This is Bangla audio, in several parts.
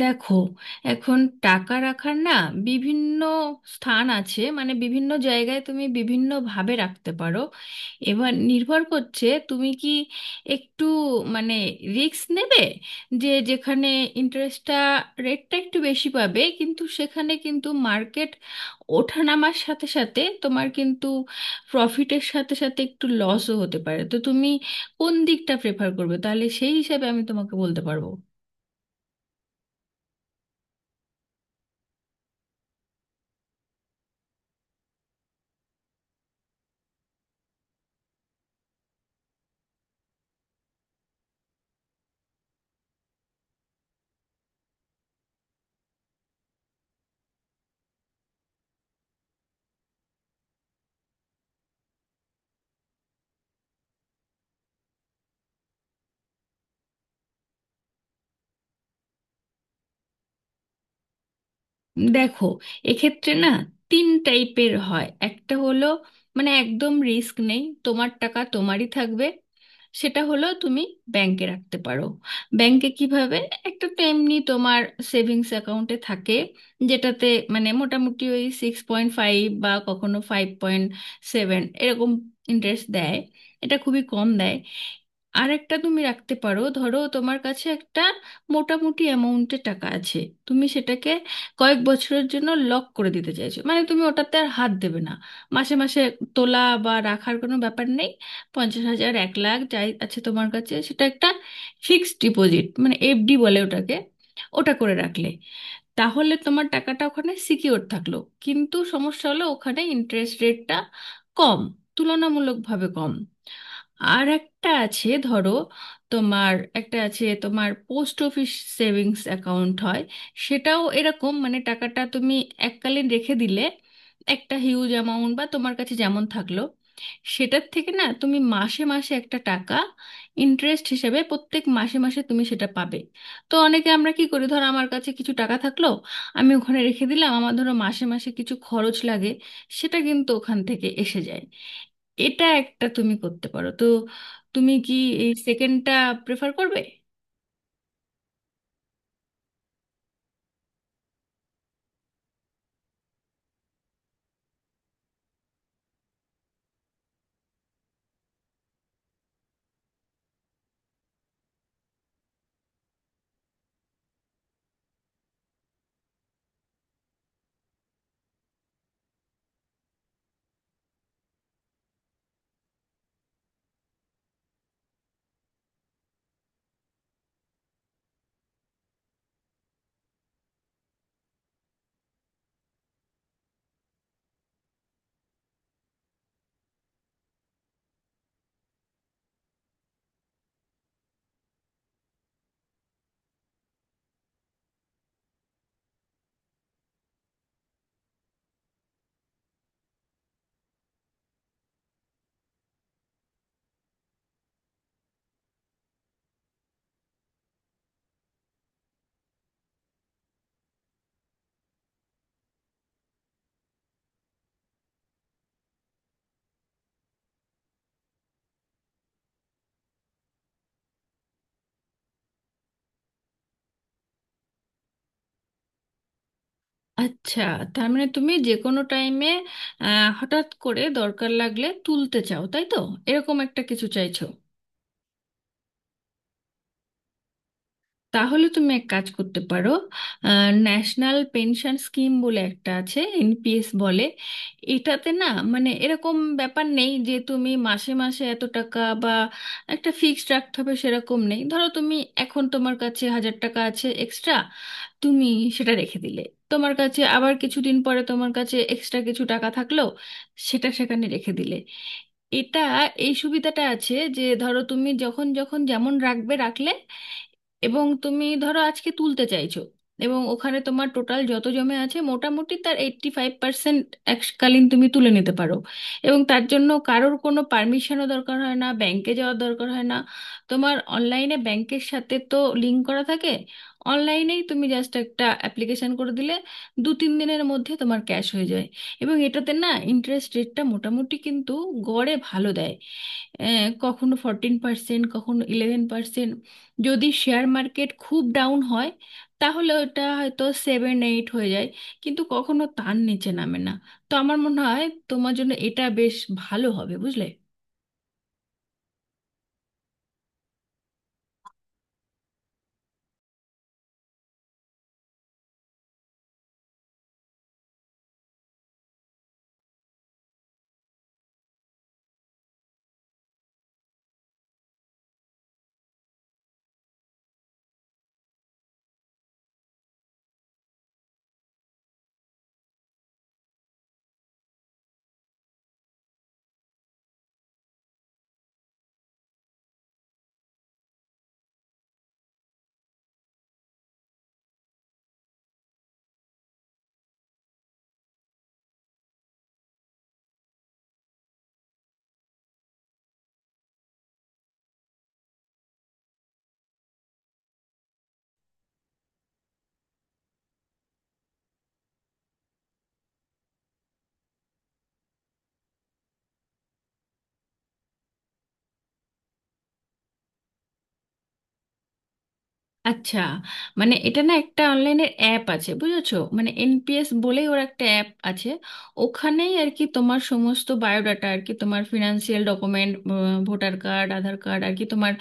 দেখো, এখন টাকা রাখার না, বিভিন্ন স্থান আছে। মানে বিভিন্ন জায়গায় তুমি বিভিন্নভাবে রাখতে পারো। এবার নির্ভর করছে তুমি কি একটু মানে রিস্ক নেবে, যে যেখানে ইন্টারেস্টটা রেটটা একটু বেশি পাবে, কিন্তু সেখানে কিন্তু মার্কেট ওঠানামার সাথে সাথে তোমার কিন্তু প্রফিটের সাথে সাথে একটু লসও হতে পারে। তো তুমি কোন দিকটা প্রেফার করবে, তাহলে সেই হিসাবে আমি তোমাকে বলতে পারবো। দেখো, এক্ষেত্রে না তিন টাইপের হয়। একটা হলো মানে একদম রিস্ক নেই, তোমার টাকা তোমারই থাকবে। সেটা হলো তুমি ব্যাংকে রাখতে পারো। ব্যাংকে কিভাবে, একটা তো এমনি তোমার সেভিংস অ্যাকাউন্টে থাকে, যেটাতে মানে মোটামুটি ওই 6.5 বা কখনো 5.7 এরকম ইন্টারেস্ট দেয়, এটা খুবই কম দেয়। আর একটা তুমি রাখতে পারো, ধরো তোমার কাছে একটা মোটামুটি অ্যামাউন্টের টাকা আছে, তুমি সেটাকে কয়েক বছরের জন্য লক করে দিতে চাইছো, মানে তুমি ওটাতে আর হাত দেবে না, মাসে মাসে তোলা বা রাখার কোনো ব্যাপার নেই। 50,000 1,00,000 যাই আছে তোমার কাছে, সেটা একটা ফিক্সড ডিপোজিট, মানে এফডি বলে ওটাকে, ওটা করে রাখলে তাহলে তোমার টাকাটা ওখানে সিকিওর থাকলো। কিন্তু সমস্যা হলো ওখানে ইন্টারেস্ট রেটটা কম, তুলনামূলকভাবে কম। আর একটা আছে, ধরো তোমার একটা আছে তোমার পোস্ট অফিস সেভিংস অ্যাকাউন্ট হয়, সেটাও এরকম, মানে টাকাটা তুমি এককালীন রেখে দিলে একটা হিউজ অ্যামাউন্ট বা তোমার কাছে যেমন থাকলো, সেটার থেকে না তুমি মাসে মাসে একটা টাকা ইন্টারেস্ট হিসেবে প্রত্যেক মাসে মাসে তুমি সেটা পাবে। তো অনেকে আমরা কি করি, ধর আমার কাছে কিছু টাকা থাকলো, আমি ওখানে রেখে দিলাম, আমার ধরো মাসে মাসে কিছু খরচ লাগে, সেটা কিন্তু ওখান থেকে এসে যায়। এটা একটা তুমি করতে পারো। তো তুমি কি এই সেকেন্ডটা প্রেফার করবে? আচ্ছা, তার মানে তুমি যে কোনো টাইমে হঠাৎ করে দরকার লাগলে তুলতে চাও, তাই তো, এরকম একটা কিছু চাইছো। তাহলে তুমি এক কাজ করতে পারো। ন্যাশনাল পেনশন স্কিম বলে একটা আছে, এনপিএস বলে। এটাতে না মানে এরকম ব্যাপার নেই যে তুমি মাসে মাসে এত টাকা বা একটা ফিক্সড রাখতে হবে, সেরকম নেই। ধরো তুমি এখন তোমার কাছে হাজার টাকা আছে এক্সট্রা, তুমি সেটা রেখে দিলে। তোমার কাছে আবার কিছুদিন পরে তোমার কাছে এক্সট্রা কিছু টাকা থাকলো, সেটা সেখানে রেখে দিলে। এটা এই সুবিধাটা আছে যে ধরো তুমি যখন যখন যেমন রাখবে রাখলে, এবং তুমি ধরো আজকে তুলতে চাইছো, এবং ওখানে তোমার টোটাল যত জমে আছে, মোটামুটি তার 85% এককালীন তুমি তুলে নিতে পারো। এবং তার জন্য কারোর কোনো পারমিশনও দরকার হয় না, ব্যাংকে যাওয়ার দরকার হয় না। তোমার অনলাইনে ব্যাংকের সাথে তো লিঙ্ক করা থাকে, অনলাইনেই তুমি জাস্ট একটা অ্যাপ্লিকেশন করে দিলে দু তিন দিনের মধ্যে তোমার ক্যাশ হয়ে যায়। এবং এটাতে না ইন্টারেস্ট রেটটা মোটামুটি কিন্তু গড়ে ভালো দেয়। কখনো 14%, কখনো 11%। যদি শেয়ার মার্কেট খুব ডাউন হয়, তাহলে ওটা হয়তো সেভেন এইট হয়ে যায়, কিন্তু কখনো তার নিচে নামে না। তো আমার মনে হয় তোমার জন্য এটা বেশ ভালো হবে, বুঝলে। আচ্ছা, মানে এটা না একটা অনলাইনের অ্যাপ আছে, বুঝেছো, মানে এনপিএস বলেই ওর একটা অ্যাপ আছে। ওখানেই আর কি তোমার সমস্ত বায়োডাটা আর কি তোমার financial document, voter card, Aadhaar card, আর কি তোমার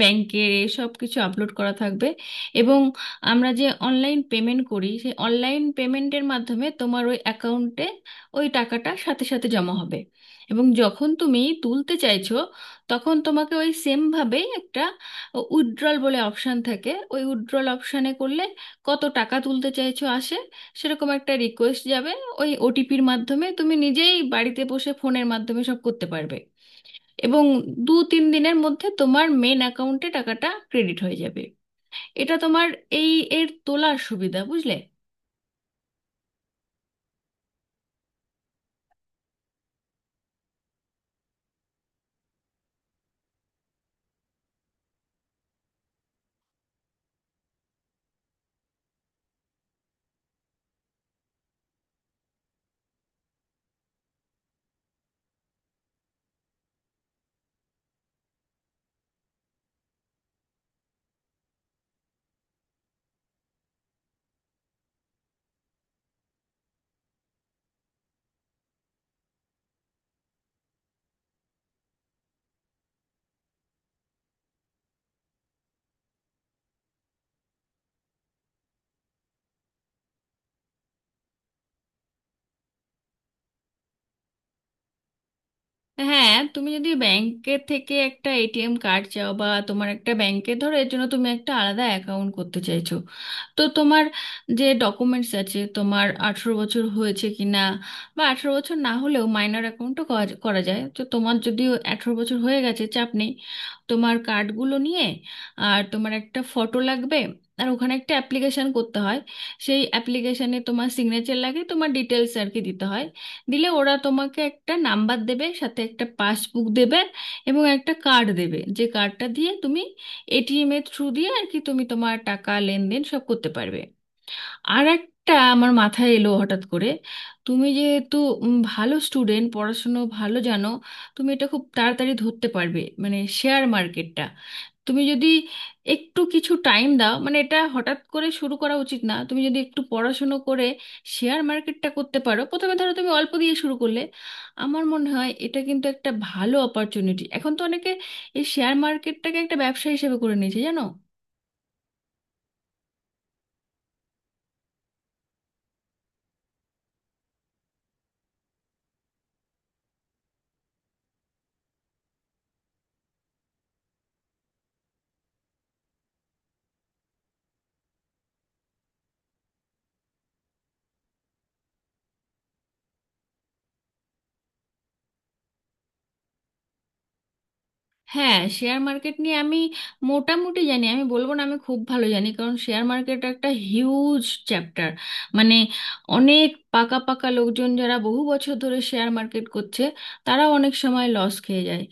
ব্যাংকের সব কিছু আপলোড করা থাকবে। এবং আমরা যে অনলাইন পেমেন্ট করি, সেই অনলাইন পেমেন্টের মাধ্যমে তোমার ওই অ্যাকাউন্টে ওই টাকাটা সাথে সাথে জমা হবে। এবং যখন তুমি তুলতে চাইছো, তখন তোমাকে ওই সেমভাবেই একটা উইথড্রল বলে অপশান থাকে, ওই উইথড্রল অপশানে করলে কত টাকা তুলতে চাইছো আসে, সেরকম একটা রিকোয়েস্ট যাবে। ওই ওটিপির মাধ্যমে তুমি নিজেই বাড়িতে বসে ফোনের মাধ্যমে সব করতে পারবে। এবং দু তিন দিনের মধ্যে তোমার মেন অ্যাকাউন্টে টাকাটা ক্রেডিট হয়ে যাবে। এটা তোমার এই এর তোলার সুবিধা, বুঝলে। হ্যাঁ, তুমি যদি ব্যাংকের থেকে একটা এটিএম কার্ড চাও বা তোমার একটা ব্যাংকে ধরো এর জন্য তুমি একটা আলাদা অ্যাকাউন্ট করতে চাইছো, তো তোমার যে ডকুমেন্টস আছে, তোমার 18 বছর হয়েছে কি না, বা 18 বছর না হলেও মাইনর অ্যাকাউন্টও করা করা যায়। তো তোমার যদি 18 বছর হয়ে গেছে, চাপ নেই তোমার কার্ডগুলো নিয়ে। আর তোমার একটা ফটো লাগবে, আর ওখানে একটা অ্যাপ্লিকেশন করতে হয়। সেই অ্যাপ্লিকেশানে তোমার সিগনেচার লাগে, তোমার ডিটেলস আর কি দিতে হয়। দিলে ওরা তোমাকে একটা নাম্বার দেবে, সাথে একটা পাসবুক দেবে, এবং একটা কার্ড দেবে, যে কার্ডটা দিয়ে তুমি এটিএম এর থ্রু দিয়ে আর কি তুমি তোমার টাকা লেনদেন সব করতে পারবে। আর একটা আমার মাথায় এলো হঠাৎ করে, তুমি যেহেতু ভালো স্টুডেন্ট, পড়াশুনো ভালো জানো, তুমি এটা খুব তাড়াতাড়ি ধরতে পারবে, মানে শেয়ার মার্কেটটা। তুমি যদি একটু কিছু টাইম দাও, মানে এটা হঠাৎ করে শুরু করা উচিত না, তুমি যদি একটু পড়াশুনো করে শেয়ার মার্কেটটা করতে পারো, প্রথমে ধরো তুমি অল্প দিয়ে শুরু করলে, আমার মনে হয় এটা কিন্তু একটা ভালো অপরচুনিটি। এখন তো অনেকে এই শেয়ার মার্কেটটাকে একটা ব্যবসা হিসেবে করে নিয়েছে, জানো। হ্যাঁ, শেয়ার মার্কেট নিয়ে আমি মোটামুটি জানি, আমি বলবো না আমি খুব ভালো জানি, কারণ শেয়ার মার্কেট একটা হিউজ চ্যাপ্টার। মানে অনেক পাকা পাকা লোকজন যারা বহু বছর ধরে শেয়ার মার্কেট করছে, তারা অনেক সময় লস খেয়ে যায়।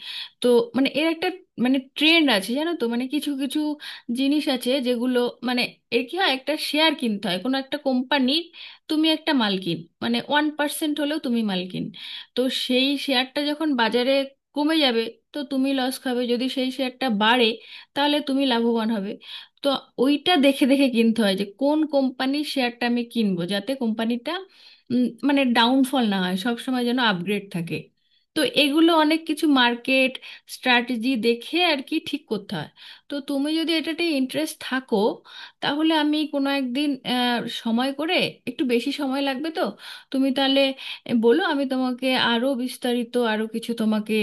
তো মানে এর একটা মানে ট্রেন্ড আছে, জানো তো, মানে কিছু কিছু জিনিস আছে যেগুলো, মানে এর কি হয়, একটা শেয়ার কিনতে হয় কোনো একটা কোম্পানির, তুমি একটা মালকিন, মানে 1% হলেও তুমি মালকিন। তো সেই শেয়ারটা যখন বাজারে কমে যাবে, তো তুমি লস খাবে। যদি সেই শেয়ারটা বাড়ে, তাহলে তুমি লাভবান হবে। তো ওইটা দেখে দেখে কিনতে হয় যে কোন কোম্পানির শেয়ারটা আমি কিনবো, যাতে কোম্পানিটা মানে ডাউনফল না হয়, সব সময় যেন আপগ্রেড থাকে। তো এগুলো অনেক কিছু মার্কেট স্ট্র্যাটেজি দেখে আর কি ঠিক করতে হয়। তো তুমি যদি এটাতে ইন্টারেস্ট থাকো, তাহলে আমি কোনো একদিন সময় করে, একটু বেশি সময় লাগবে তো, তুমি তাহলে বলো, আমি তোমাকে আরো বিস্তারিত আরো কিছু তোমাকে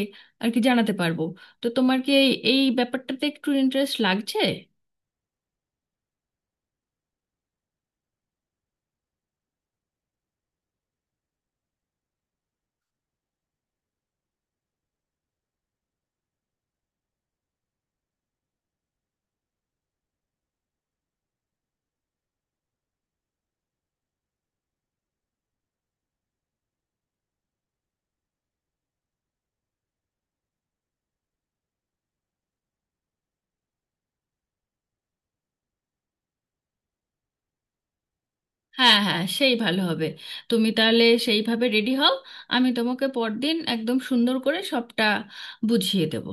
আর কি জানাতে পারবো। তো তোমার কি এই এই ব্যাপারটাতে একটু ইন্টারেস্ট লাগছে? হ্যাঁ হ্যাঁ, সেই ভালো হবে। তুমি তাহলে সেইভাবে রেডি হও, আমি তোমাকে পরদিন একদম সুন্দর করে সবটা বুঝিয়ে দেব।